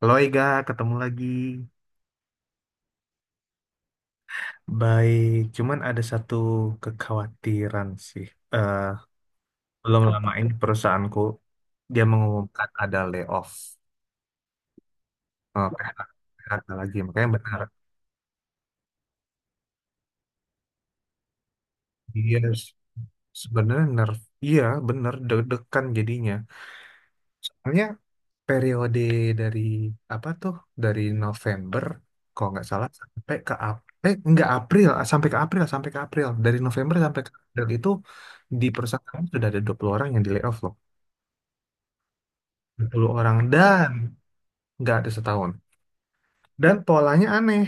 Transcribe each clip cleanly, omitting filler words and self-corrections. Halo Ega, ketemu lagi. Baik, cuman ada satu kekhawatiran sih. Eh, Belum lama ini perusahaanku dia mengumumkan ada layoff, eh, PHK lagi. Makanya benar, dia s- sebenarnya nerf, iya benar deg-degan jadinya. Soalnya periode dari apa tuh dari November kalau nggak salah sampai ke Ap- eh nggak April ah, sampai ke April dari November sampai ke April itu di perusahaan sudah ada 20 orang yang di layoff loh, dua puluh orang dan nggak ada setahun. Dan polanya aneh,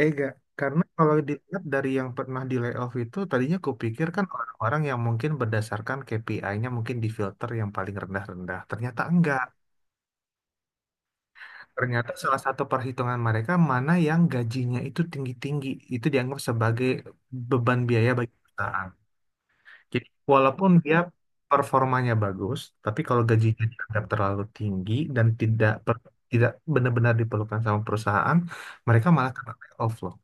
eh nggak karena kalau dilihat dari yang pernah di layoff itu, tadinya kupikir kan orang-orang yang mungkin berdasarkan KPI-nya mungkin di filter yang paling rendah-rendah, ternyata enggak. Ternyata salah satu perhitungan mereka mana yang gajinya itu tinggi-tinggi, itu dianggap sebagai beban biaya bagi perusahaan. Jadi walaupun dia performanya bagus, tapi kalau gajinya dianggap terlalu tinggi dan tidak benar-benar diperlukan sama perusahaan, mereka malah kena layoff loh.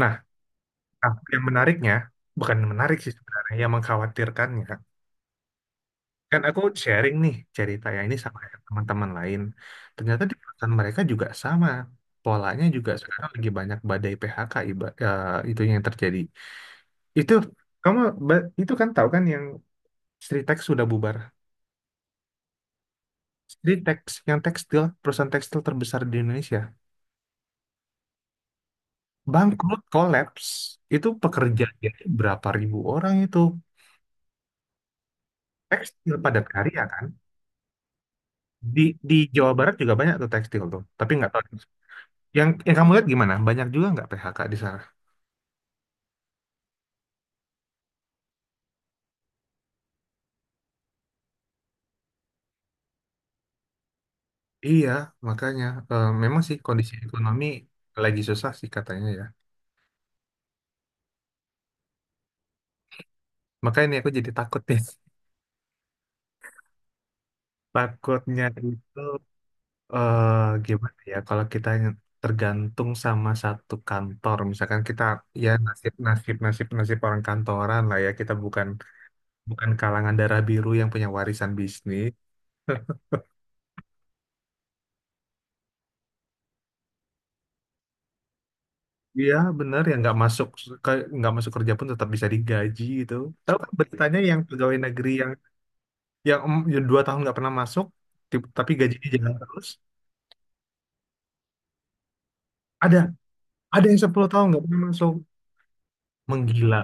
Nah, nah, yang menariknya, bukan menarik sih sebenarnya, yang mengkhawatirkannya, kan aku sharing nih ceritanya ini sama teman-teman lain. Ternyata di perusahaan mereka juga sama. Polanya juga sekarang lagi banyak badai PHK, itu yang terjadi. Itu kamu itu kan tahu kan yang Stritex sudah bubar. Stritex yang tekstil, perusahaan tekstil terbesar di Indonesia, bangkrut, collapse. Itu pekerjaannya berapa ribu orang itu. Tekstil padat karya kan. Di di Jawa Barat juga banyak tuh tekstil tuh, tapi nggak tahu, yang kamu lihat gimana? Banyak juga nggak PHK di sana? Iya, makanya memang sih kondisi ekonomi lagi susah sih katanya ya. Makanya nih aku jadi takut nih. Takutnya itu eh, gimana ya kalau kita tergantung sama satu kantor, misalkan kita ya nasib, nasib, nasib, nasib orang kantoran lah ya, kita bukan bukan kalangan darah biru yang punya warisan bisnis. Iya bener, ya nggak masuk nggak masuk kerja pun tetap bisa digaji gitu. Tahu kan beritanya yang pegawai negeri yang ya, ya dua tahun nggak pernah masuk, tapi gajinya jalan terus, ada ada yang 10 tahun nggak pernah masuk, menggila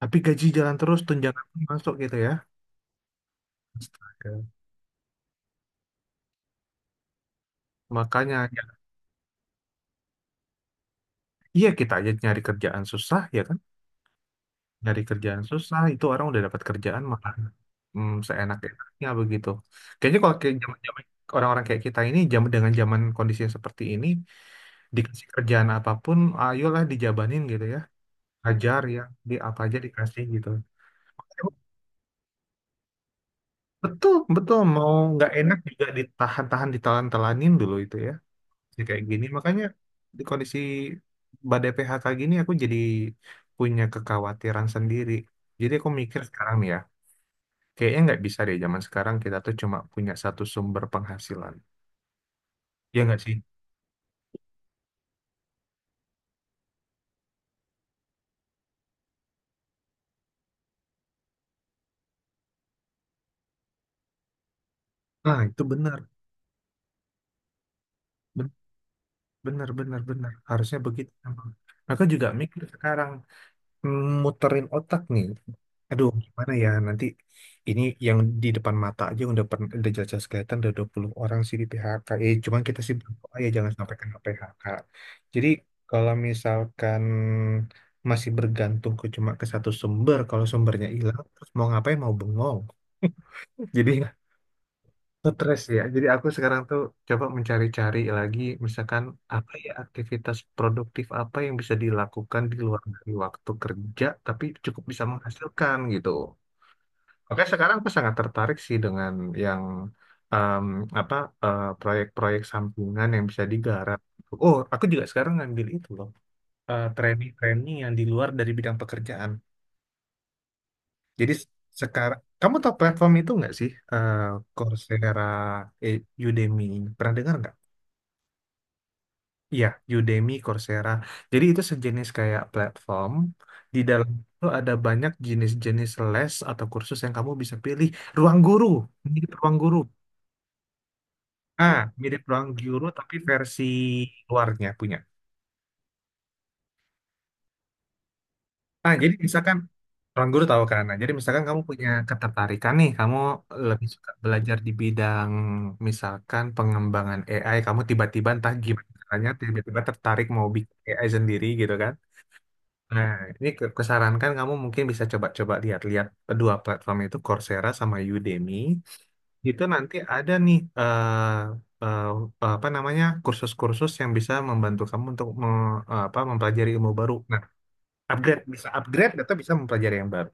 tapi gaji jalan terus, tunjangan pun masuk gitu ya. Astaga. Makanya ya, iya kita aja nyari kerjaan susah ya kan, nyari kerjaan susah, itu orang udah dapat kerjaan malah seenak-enaknya begitu. Kayaknya kalau kayak zaman-zaman orang-orang kayak kita ini zaman dengan zaman kondisi yang seperti ini, dikasih kerjaan apapun ayolah dijabanin gitu ya, ajar ya, di apa aja dikasih gitu. Betul, betul. Mau nggak enak juga ditahan-tahan, ditelan-telanin dulu itu ya. Jadi kayak gini. Makanya di kondisi badai PHK gini aku jadi punya kekhawatiran sendiri. Jadi aku mikir sekarang nih ya, kayaknya nggak bisa deh zaman sekarang kita tuh cuma punya satu sumber penghasilan. Ya nggak sih? Nah, itu benar. Ben- Benar, benar, benar. Harusnya begitu. Aku juga mikir sekarang, muterin otak nih. Aduh, gimana ya nanti, ini yang di depan mata aja udah jelas-jelas kelihatan ada 20 orang sih di PHK. Eh, cuman kita sih berdoa ya jangan sampai kena PHK. Jadi kalau misalkan masih bergantung ke cuma ke satu sumber, kalau sumbernya hilang terus mau ngapain, mau bengong. Jadi stres ya. Jadi aku sekarang tuh coba mencari-cari lagi, misalkan apa ya, aktivitas produktif apa yang bisa dilakukan di luar dari waktu kerja, tapi cukup bisa menghasilkan gitu. Oke, sekarang aku sangat tertarik sih dengan yang em, apa proyek-proyek sampingan yang bisa digarap. Oh, aku juga sekarang ngambil itu loh, training-training yang di luar dari bidang pekerjaan. Jadi s- Sekarang kamu tahu platform itu nggak sih? Coursera, eh, Udemy. Pernah dengar nggak? Iya, Udemy, Coursera. Jadi itu sejenis kayak platform. Di dalam itu ada banyak jenis-jenis les atau kursus yang kamu bisa pilih. Ruang guru, mirip ruang guru. Ah, mirip ruang guru tapi versi luarnya punya. Nah, jadi misalkan ruang guru tahu kan. Nah, jadi misalkan kamu punya ketertarikan nih, kamu lebih suka belajar di bidang misalkan pengembangan AI, kamu tiba-tiba entah gimana caranya tiba-tiba tertarik mau bikin AI sendiri gitu kan. Nah, ini kusarankan kamu mungkin bisa coba-coba lihat-lihat kedua platform itu, Coursera sama Udemy. Itu nanti ada nih, eh, apa namanya, kursus-kursus yang bisa membantu kamu untuk me- eh, apa mempelajari ilmu baru. Nah, upgrade, bisa upgrade atau bisa mempelajari yang baru.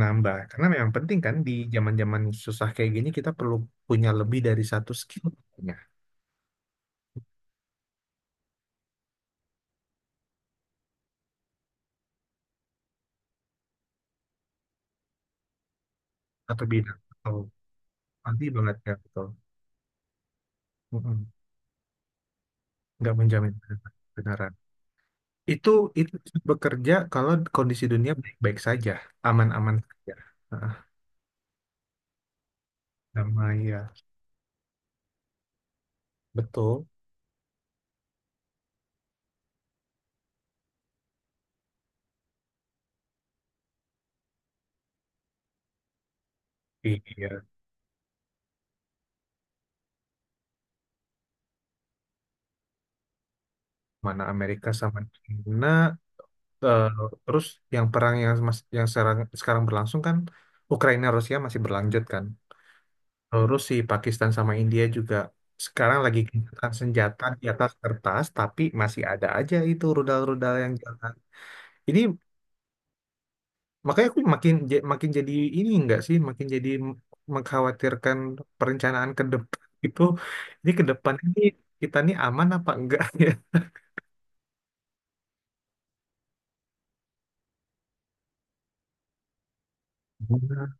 Nambah, karena memang penting kan di zaman-zaman susah kayak gini kita perlu punya lebih dari satu skill ya, atau bidang. Atau nanti banget ya, betul. Mm-mm. Nggak menjamin kebenaran. Itu itu bekerja kalau kondisi dunia baik-baik saja, aman-aman saja. Heeh, sama ya, betul. Iya, mana Amerika sama China. eh, Terus yang perang yang yang sekarang, sekarang berlangsung kan Ukraina Rusia masih berlanjut kan. Terus si Pakistan sama India juga sekarang lagi gencatan senjata di atas kertas, tapi masih ada aja itu rudal-rudal yang jalan. Ini makanya aku makin jadi, ini enggak sih, makin jadi mengkhawatirkan perencanaan ke depan itu. Ini ke depan ini kita nih aman apa enggak ya? Benar.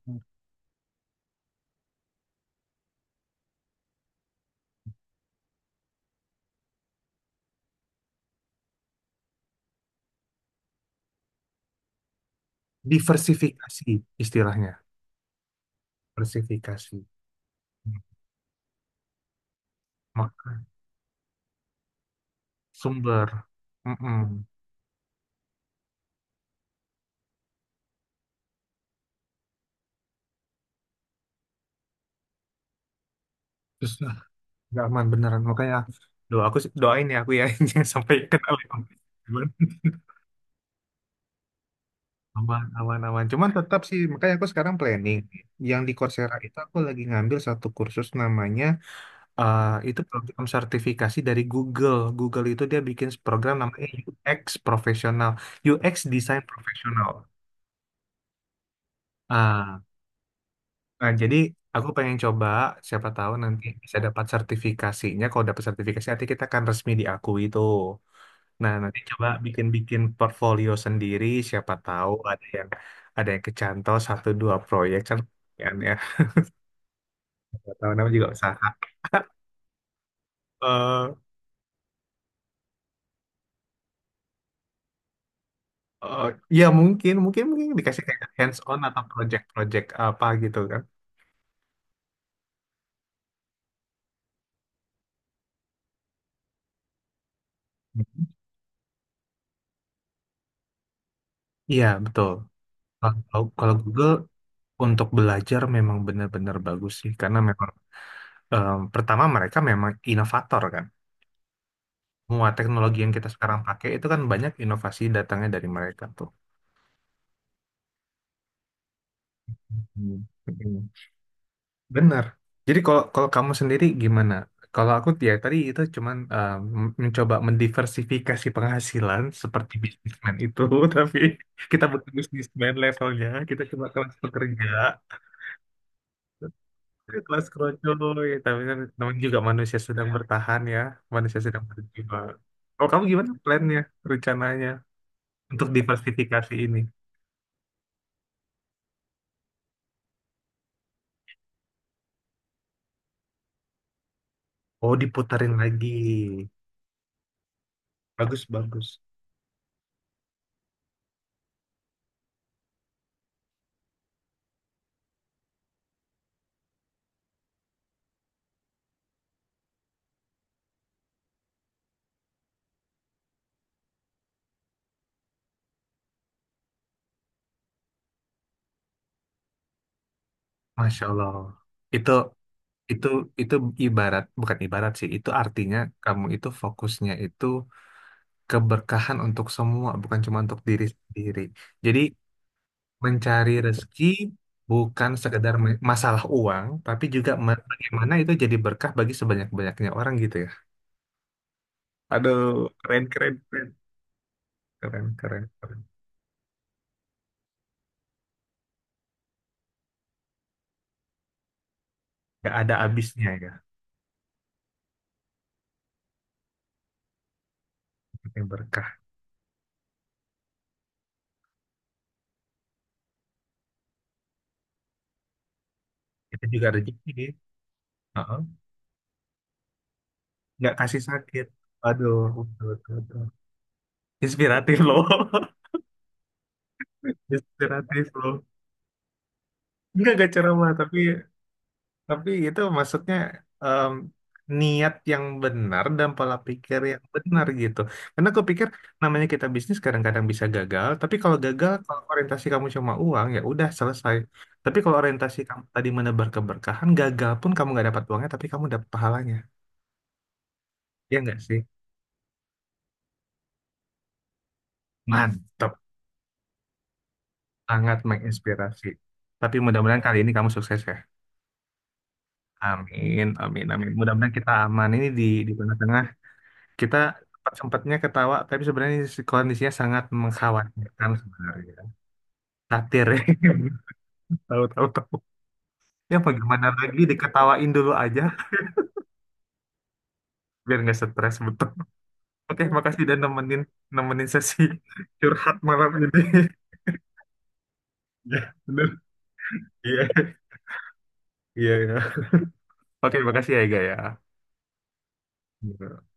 Diversifikasi istilahnya, diversifikasi. Ma- Sumber. Mm-mm. Terus ah, nggak aman beneran. Makanya doa aku sih, doain ya aku ya, jangan sampai kena leong. Cuman aman, aman, aman. Cuman tetap sih, makanya aku sekarang planning. Yang di Coursera itu aku lagi ngambil satu kursus namanya, ah itu program sertifikasi dari Google. Google itu dia bikin program namanya UX profesional, UX design profesional. Ah, nah, jadi aku pengen coba, siapa tahu nanti bisa dapat sertifikasinya. Kalau dapat sertifikasi, nanti kita akan resmi diakui itu. Nah, nanti coba bikin-bikin portfolio sendiri. Siapa tahu ada yang kecantol satu dua proyek kan, lumayan ya. Siapa tahu, namanya juga usaha. Eh, Oh, ya mungkin, mungkin mungkin dikasih kayak hands on atau project-project apa gitu kan. Iya, betul. Kalau kalau Google untuk belajar memang benar-benar bagus sih, karena memang pertama mereka memang inovator kan. Semua teknologi yang kita sekarang pakai itu kan banyak inovasi datangnya dari mereka tuh. Hmm. Hmm. Benar. Jadi kalau kalau kamu sendiri gimana? Kalau aku ya tadi itu cuman mencoba mendiversifikasi penghasilan seperti bisnismen itu, tapi kita bukan bisnismen levelnya, kita cuma kelas pekerja, kelas kroco, ya, tapi kan namanya juga manusia sedang bertahan ya, manusia sedang berjuang. Kalau kamu gimana plannya, rencananya untuk diversifikasi ini? Oh, diputarin lagi. Bagus, bagus. Masya Allah. Itu itu itu ibarat, bukan ibarat sih, itu artinya kamu itu fokusnya itu keberkahan untuk semua bukan cuma untuk diri sendiri, jadi mencari rezeki bukan sekedar masalah uang tapi juga bagaimana itu jadi berkah bagi sebanyak-banyaknya orang gitu ya. Aduh, keren keren keren, keren keren keren. Nggak ada habisnya ya, ini berkah, itu juga rezeki. Heeh. Nggak kasih sakit, aduh betul, betul, betul. Inspiratif loh, inspiratif loh. Enggak gak ceramah tapi itu maksudnya em, niat yang benar dan pola pikir yang benar gitu. Karena aku pikir namanya kita bisnis kadang-kadang bisa gagal, tapi kalau gagal kalau orientasi kamu cuma uang ya udah selesai. Tapi kalau orientasi kamu tadi menebar keberkahan, gagal pun kamu nggak dapat uangnya tapi kamu dapat pahalanya. Ya nggak sih? Mantap, sangat menginspirasi. Tapi mudah-mudahan kali ini kamu sukses ya. Amin, amin, amin. Mudah-mudahan kita aman ini di tengah-tengah. Kita sempat-sempatnya ketawa, tapi sebenarnya kondisinya sangat mengkhawatirkan sebenarnya. Satir ya. Tahu-tahu tahu. Tahu. Ya mau gimana lagi, diketawain dulu aja biar nggak stres, betul. Oke, makasih dan nemenin, nemenin sesi curhat malam ini. Ya, bener. Iya, iya. Iya. Oke, makasih ya Ega ya. Iya.